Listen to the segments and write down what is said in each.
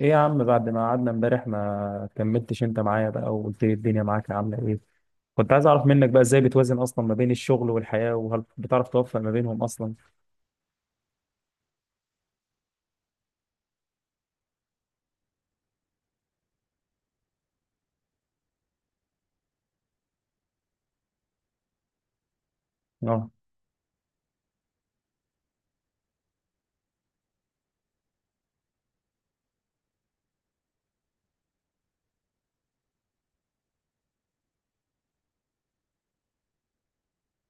ايه يا عم، بعد ما قعدنا امبارح ما كملتش انت معايا بقى وقلت لي الدنيا معاك عامله ايه؟ كنت عايز اعرف منك بقى ازاي بتوازن اصلا ما بين الشغل والحياه، وهل بتعرف توفق ما بينهم اصلا؟ اه.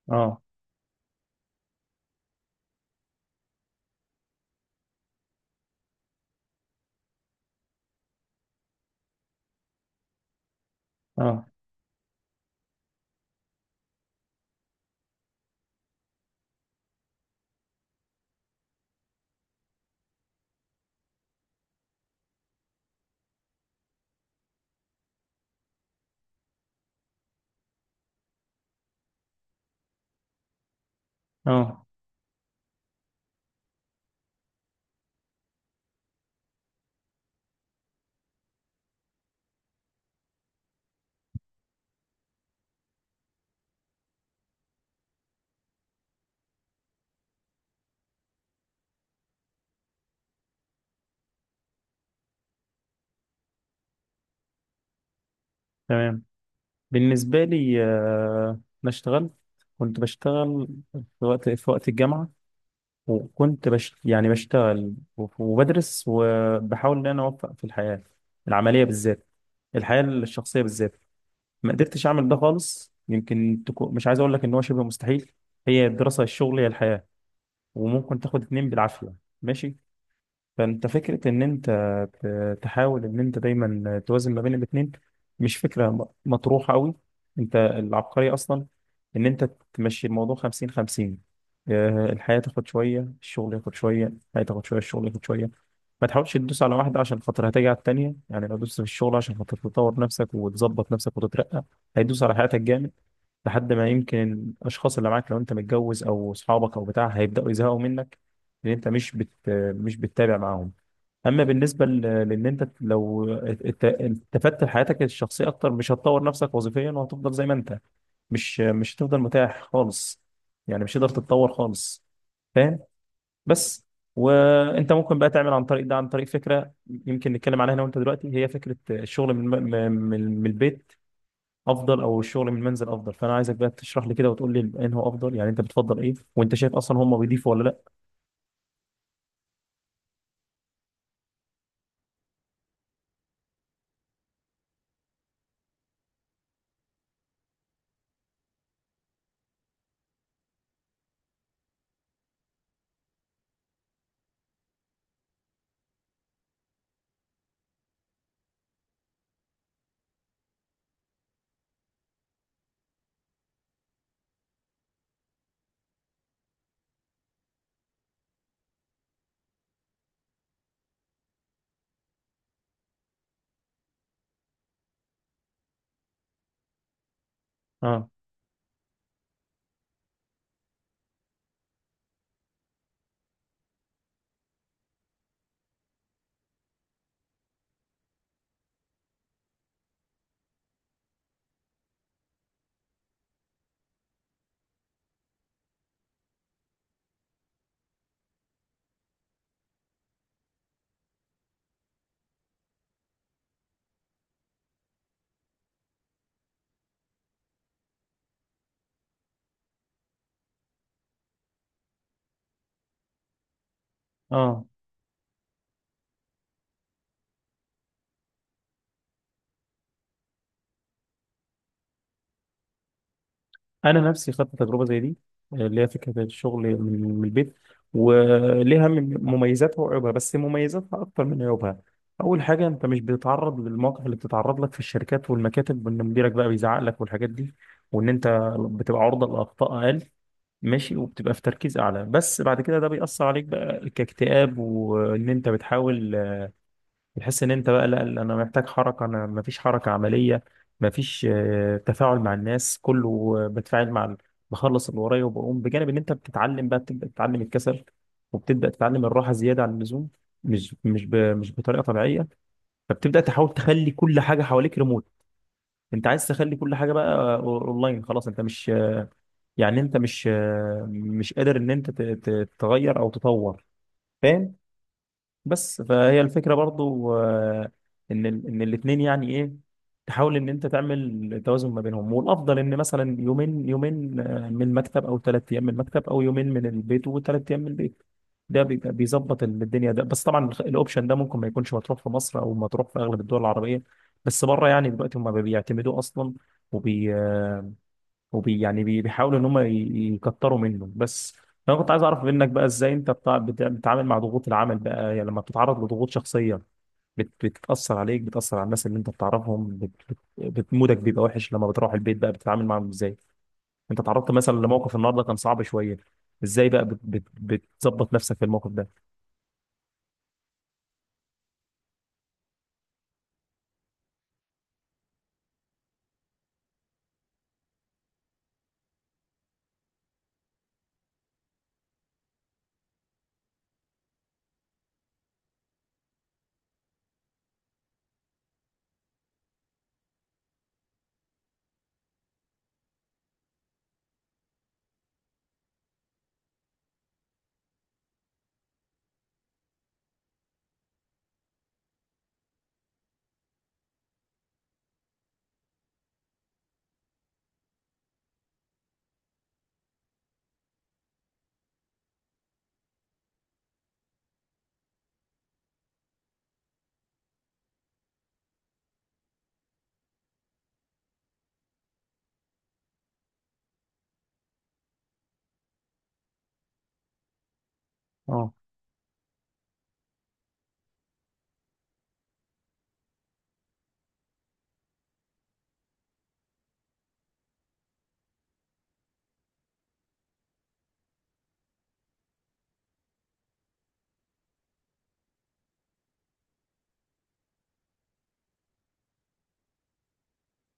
اه. اه. اه. تمام. بالنسبه لي، انا اشتغلت. كنت بشتغل في وقت الجامعه، وكنت يعني بشتغل وبدرس وبحاول ان انا اوفق في العمليه بالذات الحياه الشخصيه بالذات. ما قدرتش اعمل ده خالص، يمكن تكون، مش عايز اقول لك ان هو شبه مستحيل. هي الدراسه، الشغل، هي الحياه، وممكن تاخد اتنين بالعافيه. ماشي. فانت فكرة ان انت تحاول ان انت دايما توازن ما بين الاتنين مش فكرة مطروحة قوي. انت العبقرية اصلا ان انت تمشي الموضوع خمسين خمسين. الحياة تاخد شوية، الشغل ياخد شوية، الحياة تاخد شوية، الشغل ياخد شوية. ما تحاولش تدوس على واحدة عشان خاطر هتيجي على التانية. يعني لو دوست في الشغل عشان خاطر تطور نفسك وتظبط نفسك وتترقى، هيدوس على حياتك جامد، لحد ما يمكن الأشخاص اللي معاك، لو أنت متجوز أو أصحابك أو بتاع، هيبدأوا يزهقوا منك، لأن أنت مش بتتابع معاهم. اما بالنسبه لان انت لو التفت لحياتك الشخصيه اكتر مش هتطور نفسك وظيفيا، وهتفضل زي ما انت. مش هتفضل متاح خالص، يعني مش هتقدر تتطور خالص. فاهم؟ بس. وانت ممكن بقى تعمل عن طريق ده، عن طريق فكره يمكن نتكلم عليها انا وانت دلوقتي، هي فكره الشغل من الم- من من البيت افضل، او الشغل من المنزل افضل. فانا عايزك بقى تشرح لي كده وتقول لي انه افضل، يعني انت بتفضل ايه، وانت شايف اصلا هم بيضيفوا ولا لا؟ اه. اه. انا نفسي خدت تجربه زي دي، اللي هي فكره الشغل من البيت، وليها من مميزاتها وعيوبها، بس مميزاتها اكتر من عيوبها. اول حاجه، انت مش بتتعرض للمواقف اللي بتتعرض لك في الشركات والمكاتب، وان مديرك بقى بيزعق لك والحاجات دي، وان انت بتبقى عرضه لاخطاء اقل. ماشي. وبتبقى في تركيز اعلى. بس بعد كده ده بيأثر عليك بقى كاكتئاب، وان انت بتحاول تحس ان انت بقى، لا لا، انا محتاج حركه، انا مفيش حركه عمليه. مفيش تفاعل مع الناس كله. آه، بتفاعل مع ال- بخلص اللي ورايا وبقوم، بجانب ان انت بتتعلم بقى، بتبدا تتعلم الكسل وبتبدا تتعلم الراحه زياده عن اللزوم، مش بطريقه طبيعيه. فبتبدا تحاول تخلي كل حاجه حواليك ريموت، انت عايز تخلي كل حاجه بقى اونلاين. خلاص، انت مش يعني انت مش آه، مش قادر ان انت تغير او تطور. فاهم؟ بس فهي الفكرة برضو، ان الاتنين يعني ايه تحاول ان انت تعمل توازن ما بينهم. والافضل ان مثلا يومين يومين من المكتب، او ثلاث ايام من المكتب، او يومين من البيت وثلاث ايام من البيت. ده بيبقى بيظبط الدنيا ده. بس طبعا الاوبشن ده ممكن ما يكونش مطروح في مصر، او مطروح في اغلب الدول العربية. بس بره، يعني دلوقتي هم بيعتمدوه اصلا، وبي يعني بيحاولوا ان هم يكتروا منه بس. فانا كنت عايز اعرف منك بقى ازاي انت بتتعامل مع ضغوط العمل بقى. يعني لما بتتعرض لضغوط شخصيه، بتتاثر عليك، بتاثر على الناس اللي انت بتعرفهم، مودك بيبقى وحش، لما بتروح البيت بقى بتتعامل معاهم ازاي؟ انت تعرضت مثلا لموقف النهارده كان صعب شويه، ازاي بقى بتظبط نفسك في الموقف ده؟ اه.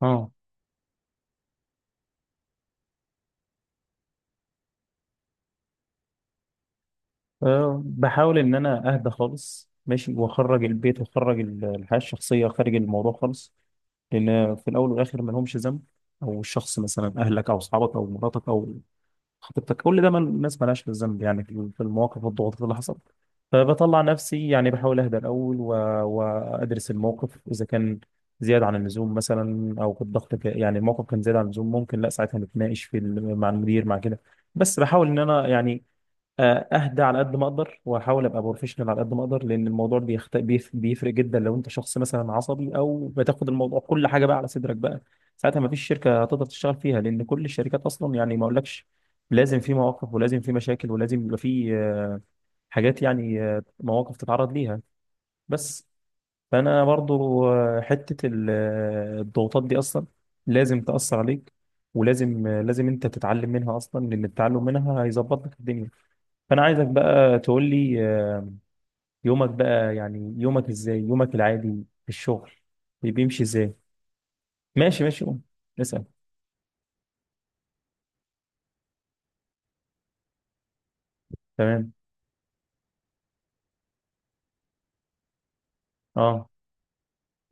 اه. أه، بحاول إن أنا أهدى خالص. ماشي. وأخرج البيت، وأخرج الحياة الشخصية خارج الموضوع خالص، لأن في الأول والآخر ما لهمش ذنب، أو الشخص، مثلا أهلك أو أصحابك أو مراتك أو خطيبتك، كل ده، ما الناس ما لهاش ذنب يعني في المواقف والضغوطات اللي حصلت. فبطلع نفسي، يعني بحاول أهدى الأول، وأدرس الموقف إذا كان زيادة عن اللزوم مثلا، أو كان الضغط يعني الموقف كان زيادة عن اللزوم، ممكن لا ساعتها نتناقش مع المدير، مع كده. بس بحاول إن أنا، يعني اهدى على قد ما اقدر، واحاول ابقى بروفيشنال على قد ما اقدر، لان الموضوع بيفرق جدا لو انت شخص مثلا عصبي، او بتاخد الموضوع كل حاجه بقى على صدرك بقى. ساعتها ما فيش شركه هتقدر تشتغل فيها، لان كل الشركات اصلا، يعني ما اقولكش، لازم في مواقف، ولازم في مشاكل، ولازم يبقى في حاجات، يعني مواقف تتعرض ليها بس. فانا برضو، آه، حته ال- آه، الضغوطات دي اصلا لازم تاثر عليك، ولازم آه، لازم انت تتعلم منها اصلا، لان التعلم منها هيظبط لك الدنيا. فانا عايزك بقى تقول لي يومك بقى، يعني يومك ازاي، يومك العادي في الشغل بيمشي ازاي؟ ماشي ماشي، قول، اسال. تمام. اه.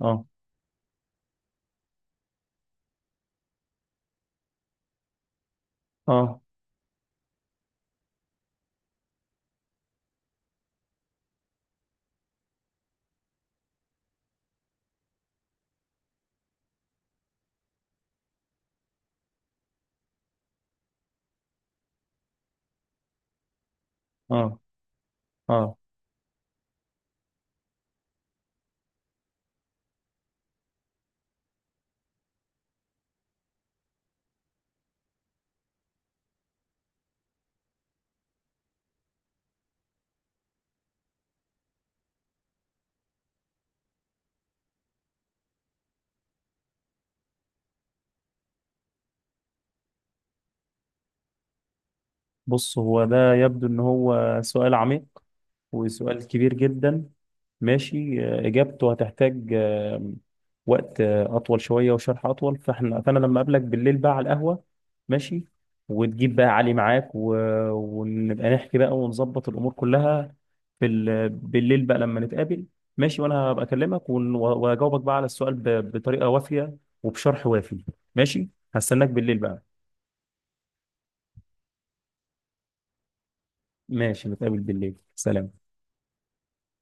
اه. اه. اه. اه. بص، هو ده يبدو ان هو سؤال عميق، وسؤال كبير جدا. ماشي. اجابته هتحتاج وقت اطول شويه، وشرح اطول. فانا لما اقابلك بالليل بقى على القهوه. ماشي. وتجيب بقى علي معاك، ونبقى نحكي بقى، ونظبط الامور كلها بالليل بقى لما نتقابل. ماشي. وانا هبقى اكلمك واجاوبك بقى على السؤال بطريقه وافيه، وبشرح وافي. ماشي. هستناك بالليل بقى. ماشي. نتقابل بالليل. سلام.